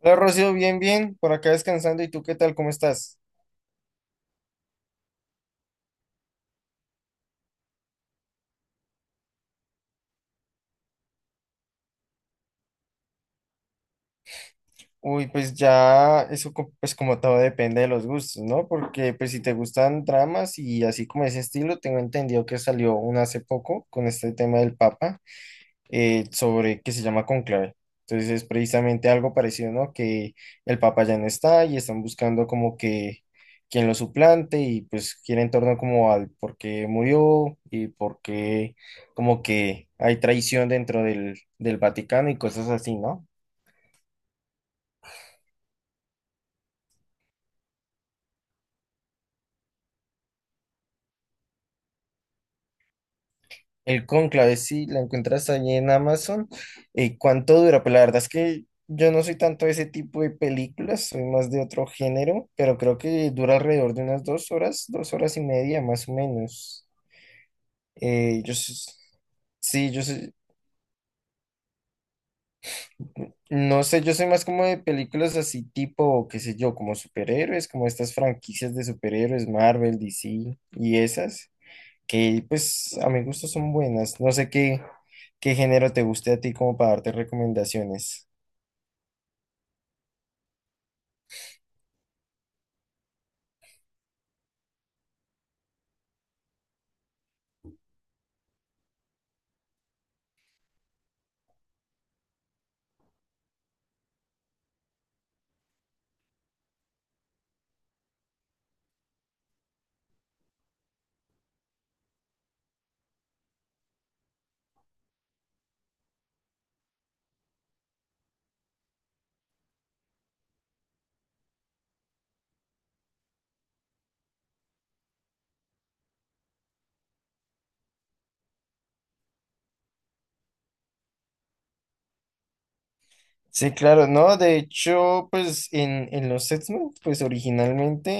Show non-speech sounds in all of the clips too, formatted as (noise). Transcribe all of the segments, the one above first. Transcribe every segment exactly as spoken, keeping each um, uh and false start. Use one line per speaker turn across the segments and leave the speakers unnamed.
Hola Rocío, bien, bien, por acá descansando. ¿Y tú qué tal? ¿Cómo estás? Uy, pues ya eso co- pues como todo depende de los gustos, ¿no? Porque pues si te gustan dramas y así como ese estilo, tengo entendido que salió una hace poco con este tema del Papa. Eh, sobre que se llama Conclave. Entonces es precisamente algo parecido, ¿no? Que el Papa ya no está y están buscando como que quien lo suplante y pues gira en torno como al por qué murió y por qué como que hay traición dentro del, del Vaticano y cosas así, ¿no? El Cónclave, sí, la encuentras allí en Amazon. ¿Y cuánto dura? Pues la verdad es que yo no soy tanto de ese tipo de películas, soy más de otro género, pero creo que dura alrededor de unas dos horas, dos horas y media más o menos. Eh, yo s- sí, yo soy- No sé, yo soy más como de películas así tipo, qué sé yo, como superhéroes, como estas franquicias de superhéroes, Marvel, D C y esas, que pues a mi gusto son buenas. No sé qué. Qué género te guste a ti como para darte recomendaciones. Sí, claro, no, de hecho, pues en, en los X-Men, pues originalmente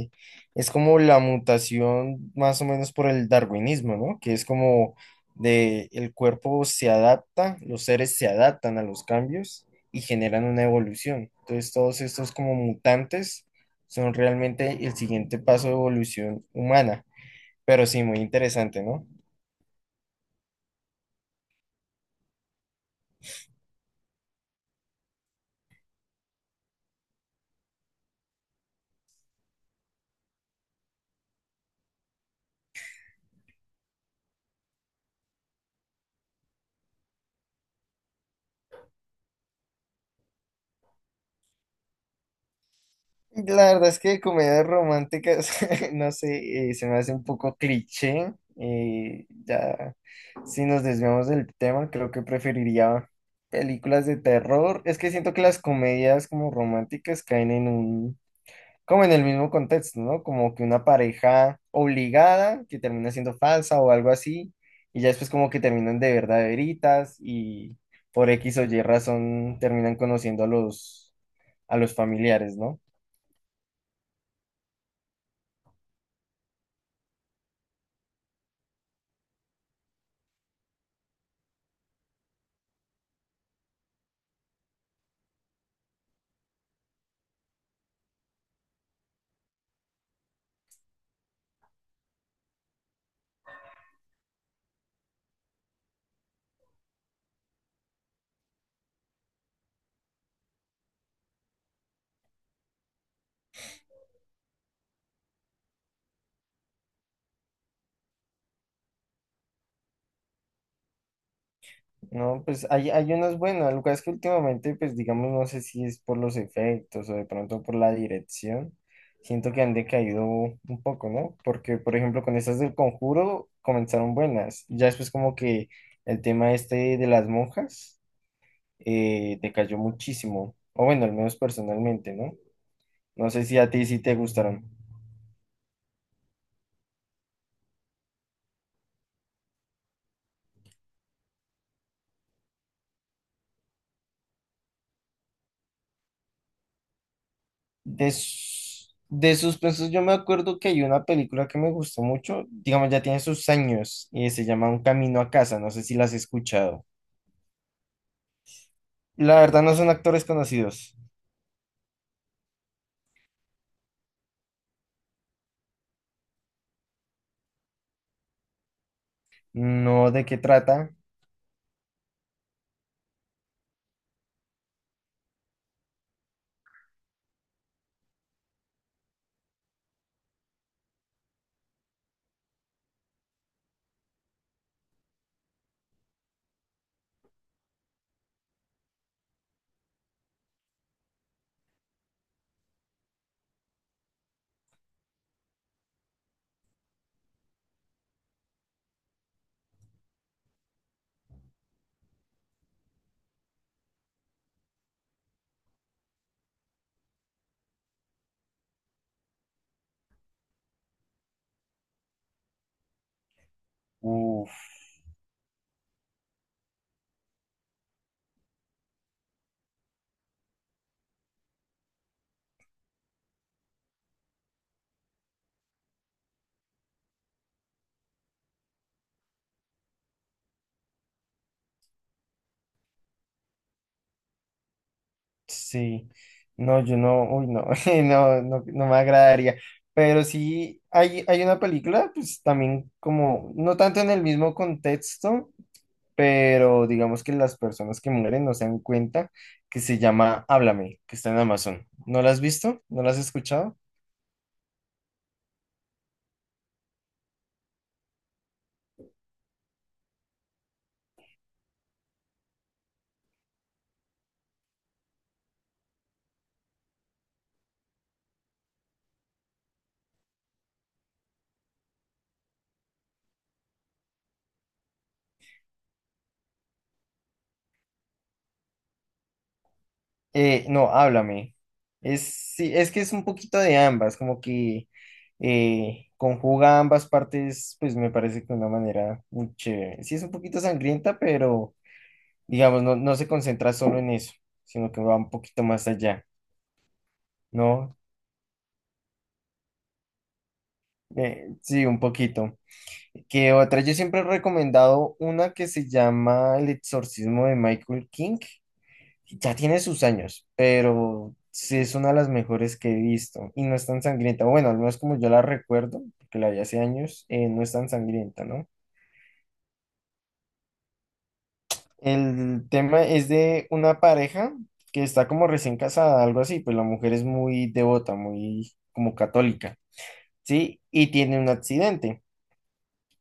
eh, es como la mutación más o menos por el darwinismo, ¿no? Que es como de el cuerpo se adapta, los seres se adaptan a los cambios y generan una evolución. Entonces, todos estos como mutantes son realmente el siguiente paso de evolución humana, pero sí, muy interesante, ¿no? La verdad es que comedias románticas, (laughs) no sé, eh, se me hace un poco cliché. eh, ya, si nos desviamos del tema, creo que preferiría películas de terror. Es que siento que las comedias como románticas caen en un, como en el mismo contexto, ¿no? Como que una pareja obligada que termina siendo falsa o algo así, y ya después como que terminan de verdaderitas y por X o Y razón terminan conociendo a los, a los familiares, ¿no? No, pues hay, hay unas buenas, lo que es que últimamente, pues digamos, no sé si es por los efectos o de pronto por la dirección, siento que han decaído un poco, ¿no? Porque, por ejemplo, con estas del Conjuro comenzaron buenas, ya después como que el tema este de las monjas eh, decayó muchísimo, o bueno, al menos personalmente, ¿no? No sé si a ti sí te gustaron. De, s- de suspenso, yo me acuerdo que hay una película que me gustó mucho, digamos, ya tiene sus años, y se llama Un Camino a Casa, no sé si las has escuchado. La verdad no son actores conocidos. No, ¿de qué trata? Uf, sí. No, yo no, uy, no, (laughs) no, no, no me agradaría. Pero sí, hay, hay una película, pues también como, no tanto en el mismo contexto, pero digamos que las personas que mueren no se dan cuenta que se llama Háblame, que está en Amazon. ¿No la has visto? ¿No la has escuchado? Eh, no, Háblame. Es, sí, es que es un poquito de ambas, como que eh, conjuga ambas partes, pues me parece que de una manera muy chévere. Sí, es un poquito sangrienta, pero digamos, no, no se concentra solo en eso, sino que va un poquito más allá, ¿no? Eh, sí, un poquito. Que otras yo siempre he recomendado una que se llama El exorcismo de Michael King. Ya tiene sus años, pero sí es una de las mejores que he visto y no es tan sangrienta. Bueno, al menos como yo la recuerdo, porque la vi hace años, eh, no es tan sangrienta, ¿no? El tema es de una pareja que está como recién casada, algo así, pues la mujer es muy devota, muy como católica, ¿sí? Y tiene un accidente.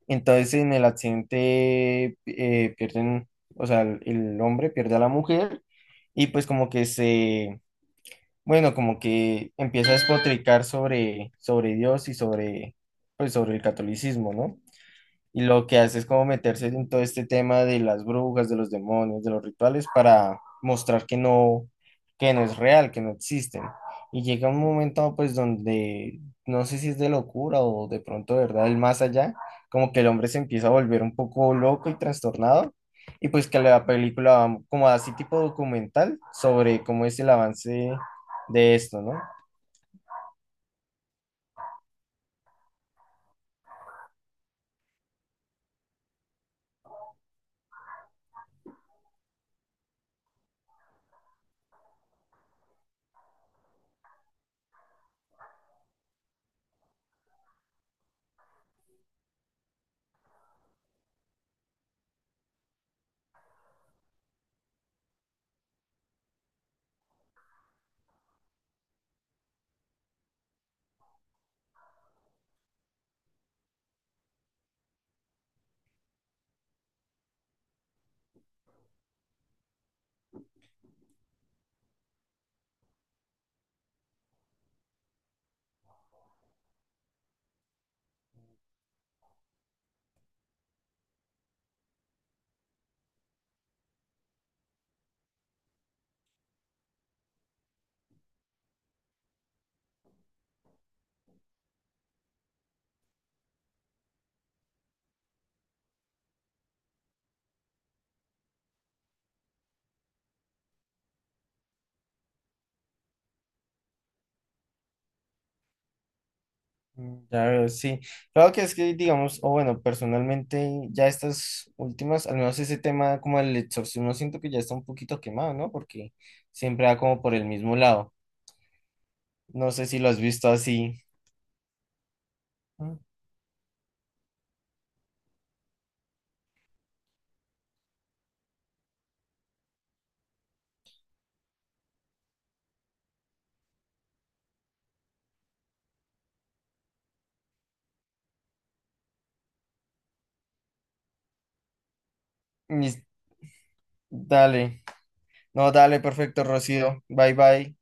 Entonces en el accidente eh, pierden, o sea, el, el hombre pierde a la mujer y pues como que se, bueno, como que empieza a despotricar sobre, sobre Dios y sobre, pues sobre el catolicismo, ¿no? Y lo que hace es como meterse en todo este tema de las brujas, de los demonios, de los rituales para mostrar que no, que no es real, que no existen. Y llega un momento pues donde no sé si es de locura o de pronto, de ¿verdad? El más allá, como que el hombre se empieza a volver un poco loco y trastornado. Y pues que la película va como así tipo documental sobre cómo es el avance de esto, ¿no? Mm, ya veo, sí. Claro que es que, digamos, o bueno, personalmente ya estas últimas, al menos ese tema como el exorcismo, siento que ya está un poquito quemado, ¿no? Porque siempre va como por el mismo lado. No sé si lo has visto así. Mm. Mis- Dale, no, dale, perfecto, Rocío. Bye, bye.